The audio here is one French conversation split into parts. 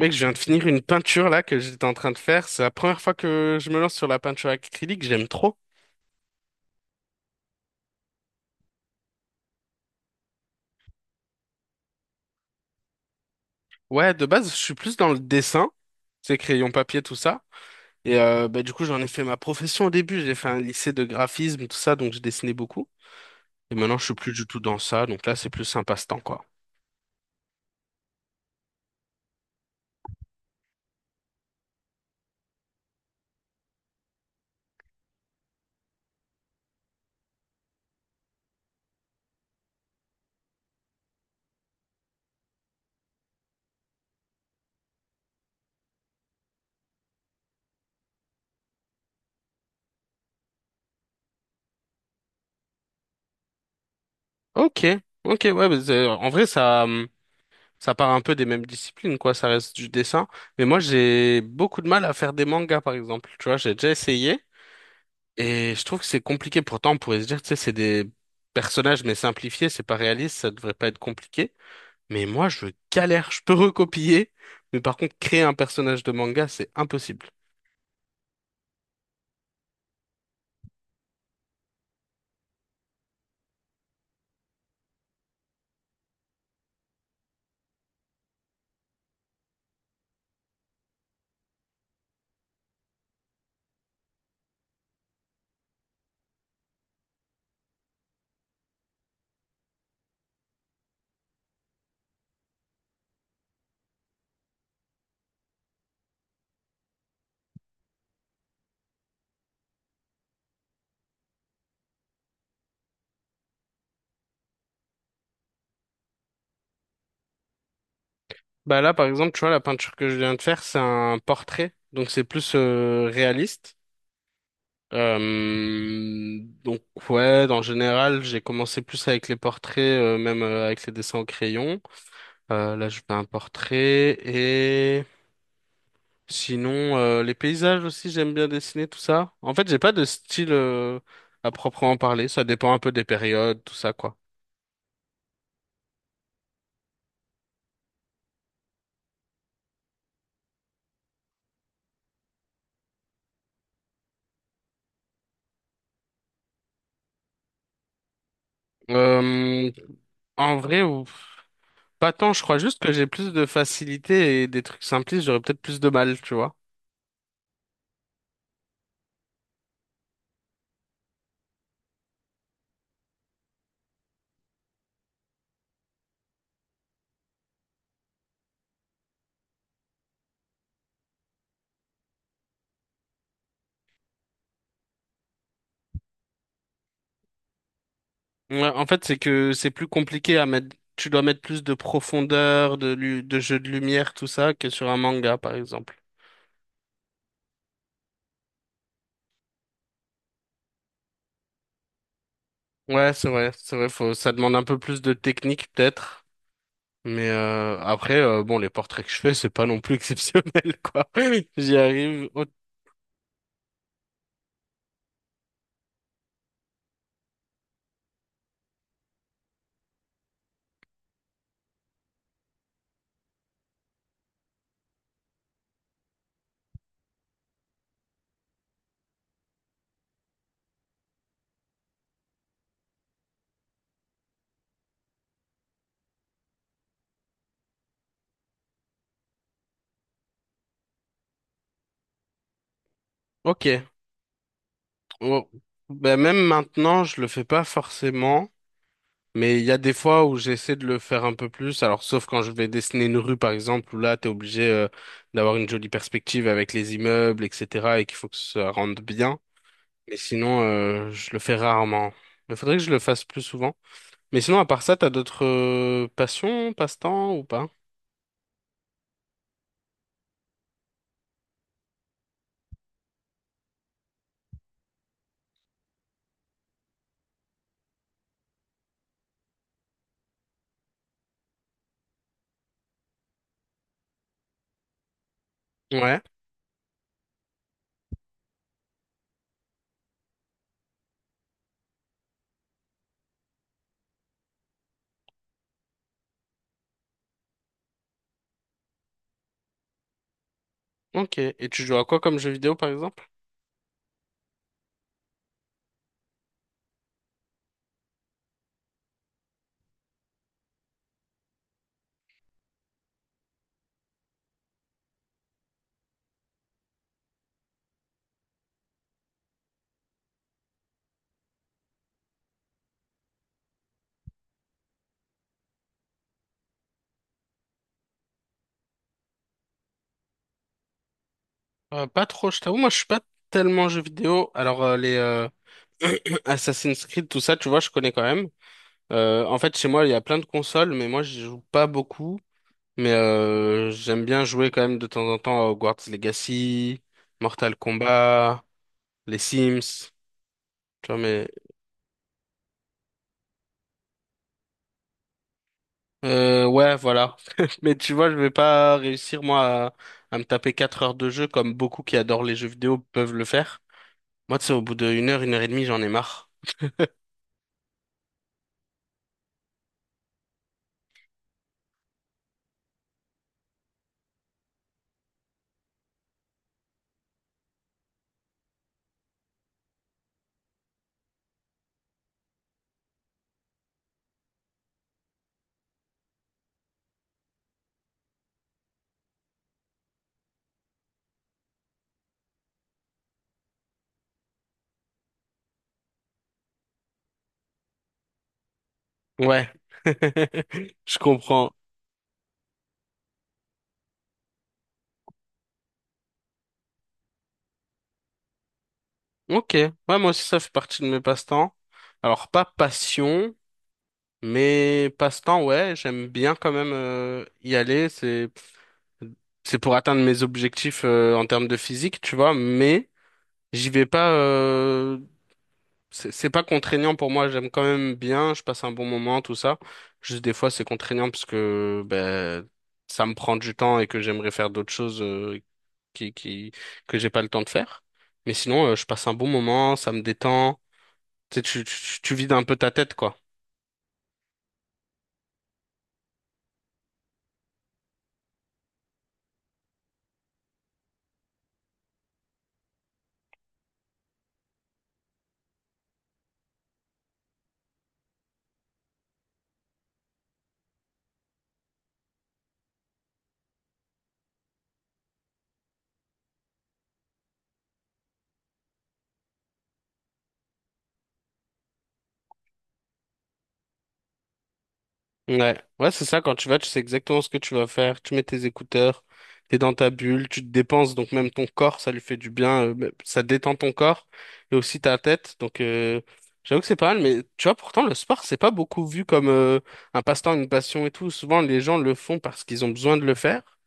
Mec, je viens de finir une peinture là que j'étais en train de faire. C'est la première fois que je me lance sur la peinture acrylique, j'aime trop. Ouais, de base, je suis plus dans le dessin, c'est crayon papier, tout ça. Du coup, j'en ai fait ma profession au début. J'ai fait un lycée de graphisme, tout ça, donc je dessinais beaucoup. Et maintenant, je suis plus du tout dans ça. Donc là, c'est plus un passe-temps, quoi. Ok, ok, ouais, mais en vrai, ça part un peu des mêmes disciplines, quoi. Ça reste du dessin. Mais moi, j'ai beaucoup de mal à faire des mangas, par exemple. Tu vois, j'ai déjà essayé. Et je trouve que c'est compliqué. Pourtant, on pourrait se dire, tu sais, c'est des personnages, mais simplifiés, c'est pas réaliste, ça devrait pas être compliqué. Mais moi, je galère. Je peux recopier, mais par contre, créer un personnage de manga, c'est impossible. Bah là, par exemple, tu vois, la peinture que je viens de faire, c'est un portrait, donc c'est plus réaliste. Donc ouais, en général, j'ai commencé plus avec les portraits, même avec les dessins au crayon. Là, je fais un portrait. Sinon, les paysages aussi, j'aime bien dessiner tout ça. En fait, j'ai pas de style à proprement parler. Ça dépend un peu des périodes, tout ça, quoi. Euh, En vrai, pas tant. Je crois juste que j'ai plus de facilité et des trucs simplistes, j'aurais peut-être plus de mal, tu vois. Ouais, en fait, c'est que c'est plus compliqué à mettre. Tu dois mettre plus de profondeur, de jeu de lumière, tout ça, que sur un manga, par exemple. Ouais, c'est vrai, c'est vrai. Faut, ça demande un peu plus de technique, peut-être. Bon, les portraits que je fais, c'est pas non plus exceptionnel, quoi. J'y arrive. Ok. Oh. Ben, même maintenant, je le fais pas forcément. Mais il y a des fois où j'essaie de le faire un peu plus. Alors, sauf quand je vais dessiner une rue, par exemple, où là, t'es obligé d'avoir une jolie perspective avec les immeubles, etc., et qu'il faut que ça rende bien. Mais sinon, je le fais rarement. Il faudrait que je le fasse plus souvent. Mais sinon, à part ça, t'as d'autres passions, passe-temps ou pas? Ouais. Ok, et tu joues à quoi comme jeu vidéo par exemple? Pas trop, je t'avoue, moi je suis pas tellement jeu vidéo. Alors les Assassin's Creed, tout ça, tu vois, je connais quand même. En fait, chez moi, il y a plein de consoles, mais moi je joue pas beaucoup. J'aime bien jouer quand même de temps en temps à Hogwarts Legacy, Mortal Kombat, les Sims. Tu vois, mais ouais, voilà. Mais tu vois, je vais pas réussir moi à me taper 4 heures de jeu comme beaucoup qui adorent les jeux vidéo peuvent le faire. Moi, tu sais, au bout d'une heure, une heure et demie, j'en ai marre. Ouais, je comprends. Ok, ouais, moi aussi, ça fait partie de mes passe-temps. Alors, pas passion, mais passe-temps, ouais, j'aime bien quand même y aller. C'est pour atteindre mes objectifs en termes de physique, tu vois, mais j'y vais pas. C'est pas contraignant pour moi, j'aime quand même bien, je passe un bon moment, tout ça. Juste des fois, c'est contraignant parce que ben, ça me prend du temps et que j'aimerais faire d'autres choses qui, qui, que j'ai pas le temps de faire. Mais sinon, je passe un bon moment, ça me détend. Tu sais, tu vides un peu ta tête, quoi. Ouais, ouais, c'est ça, quand tu vas, tu sais exactement ce que tu vas faire, tu mets tes écouteurs, t'es dans ta bulle, tu te dépenses, donc même ton corps, ça lui fait du bien, mais ça détend ton corps, et aussi ta tête, donc j'avoue que c'est pas mal, mais tu vois, pourtant, le sport, c'est pas beaucoup vu comme un passe-temps, une passion et tout, souvent, les gens le font parce qu'ils ont besoin de le faire,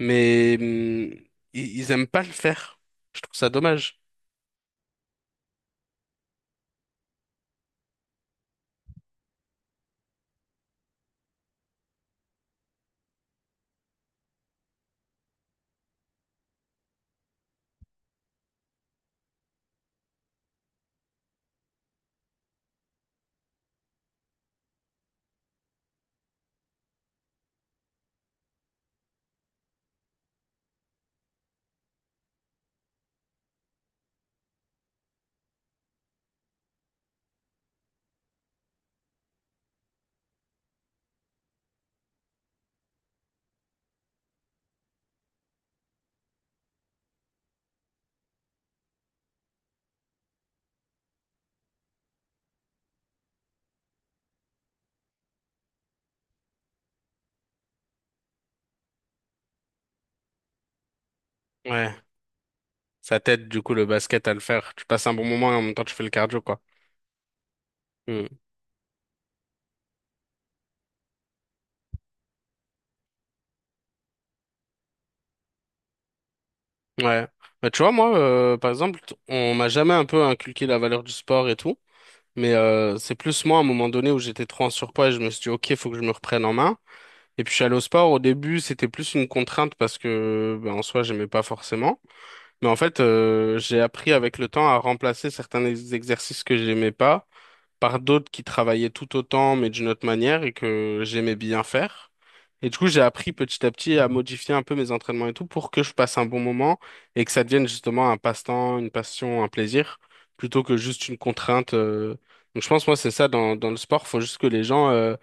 mais ils aiment pas le faire, je trouve ça dommage. Ouais, ça t'aide, du coup, le basket à le faire, tu passes un bon moment et en même temps, tu fais le cardio, quoi. Ouais. Bah, tu vois, moi, par exemple, on m'a jamais un peu inculqué la valeur du sport et tout, mais c'est plus moi, à un moment donné, où j'étais trop en surpoids et je me suis dit, OK, faut que je me reprenne en main. Et puis, je suis allé au sport. Au début, c'était plus une contrainte parce que, ben, en soi, j'aimais pas forcément. Mais en fait, j'ai appris avec le temps à remplacer certains exercices que j'aimais pas par d'autres qui travaillaient tout autant, mais d'une autre manière, et que j'aimais bien faire. Et du coup, j'ai appris petit à petit à modifier un peu mes entraînements et tout pour que je passe un bon moment et que ça devienne justement un passe-temps, une passion, un plaisir, plutôt que juste une contrainte. Donc je pense, moi, c'est ça dans, dans le sport, faut juste que les gens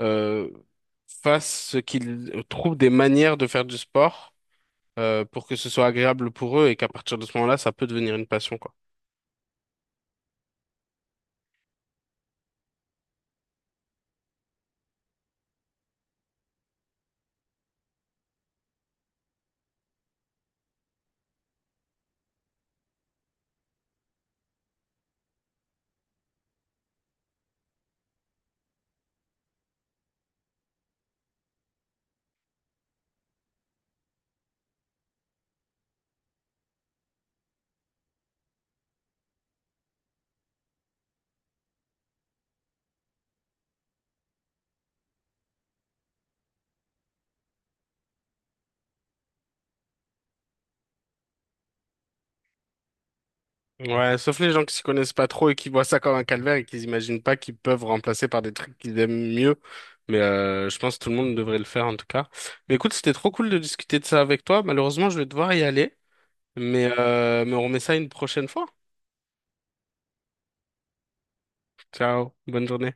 euh, fassent ce qu'ils trouvent des manières de faire du sport pour que ce soit agréable pour eux et qu'à partir de ce moment-là, ça peut devenir une passion, quoi. Ouais, sauf les gens qui s'y connaissent pas trop et qui voient ça comme un calvaire et qui imaginent pas qu'ils peuvent remplacer par des trucs qu'ils aiment mieux. Je pense que tout le monde devrait le faire en tout cas. Mais écoute, c'était trop cool de discuter de ça avec toi. Malheureusement, je vais devoir y aller. Mais on remet ça une prochaine fois. Ciao, bonne journée.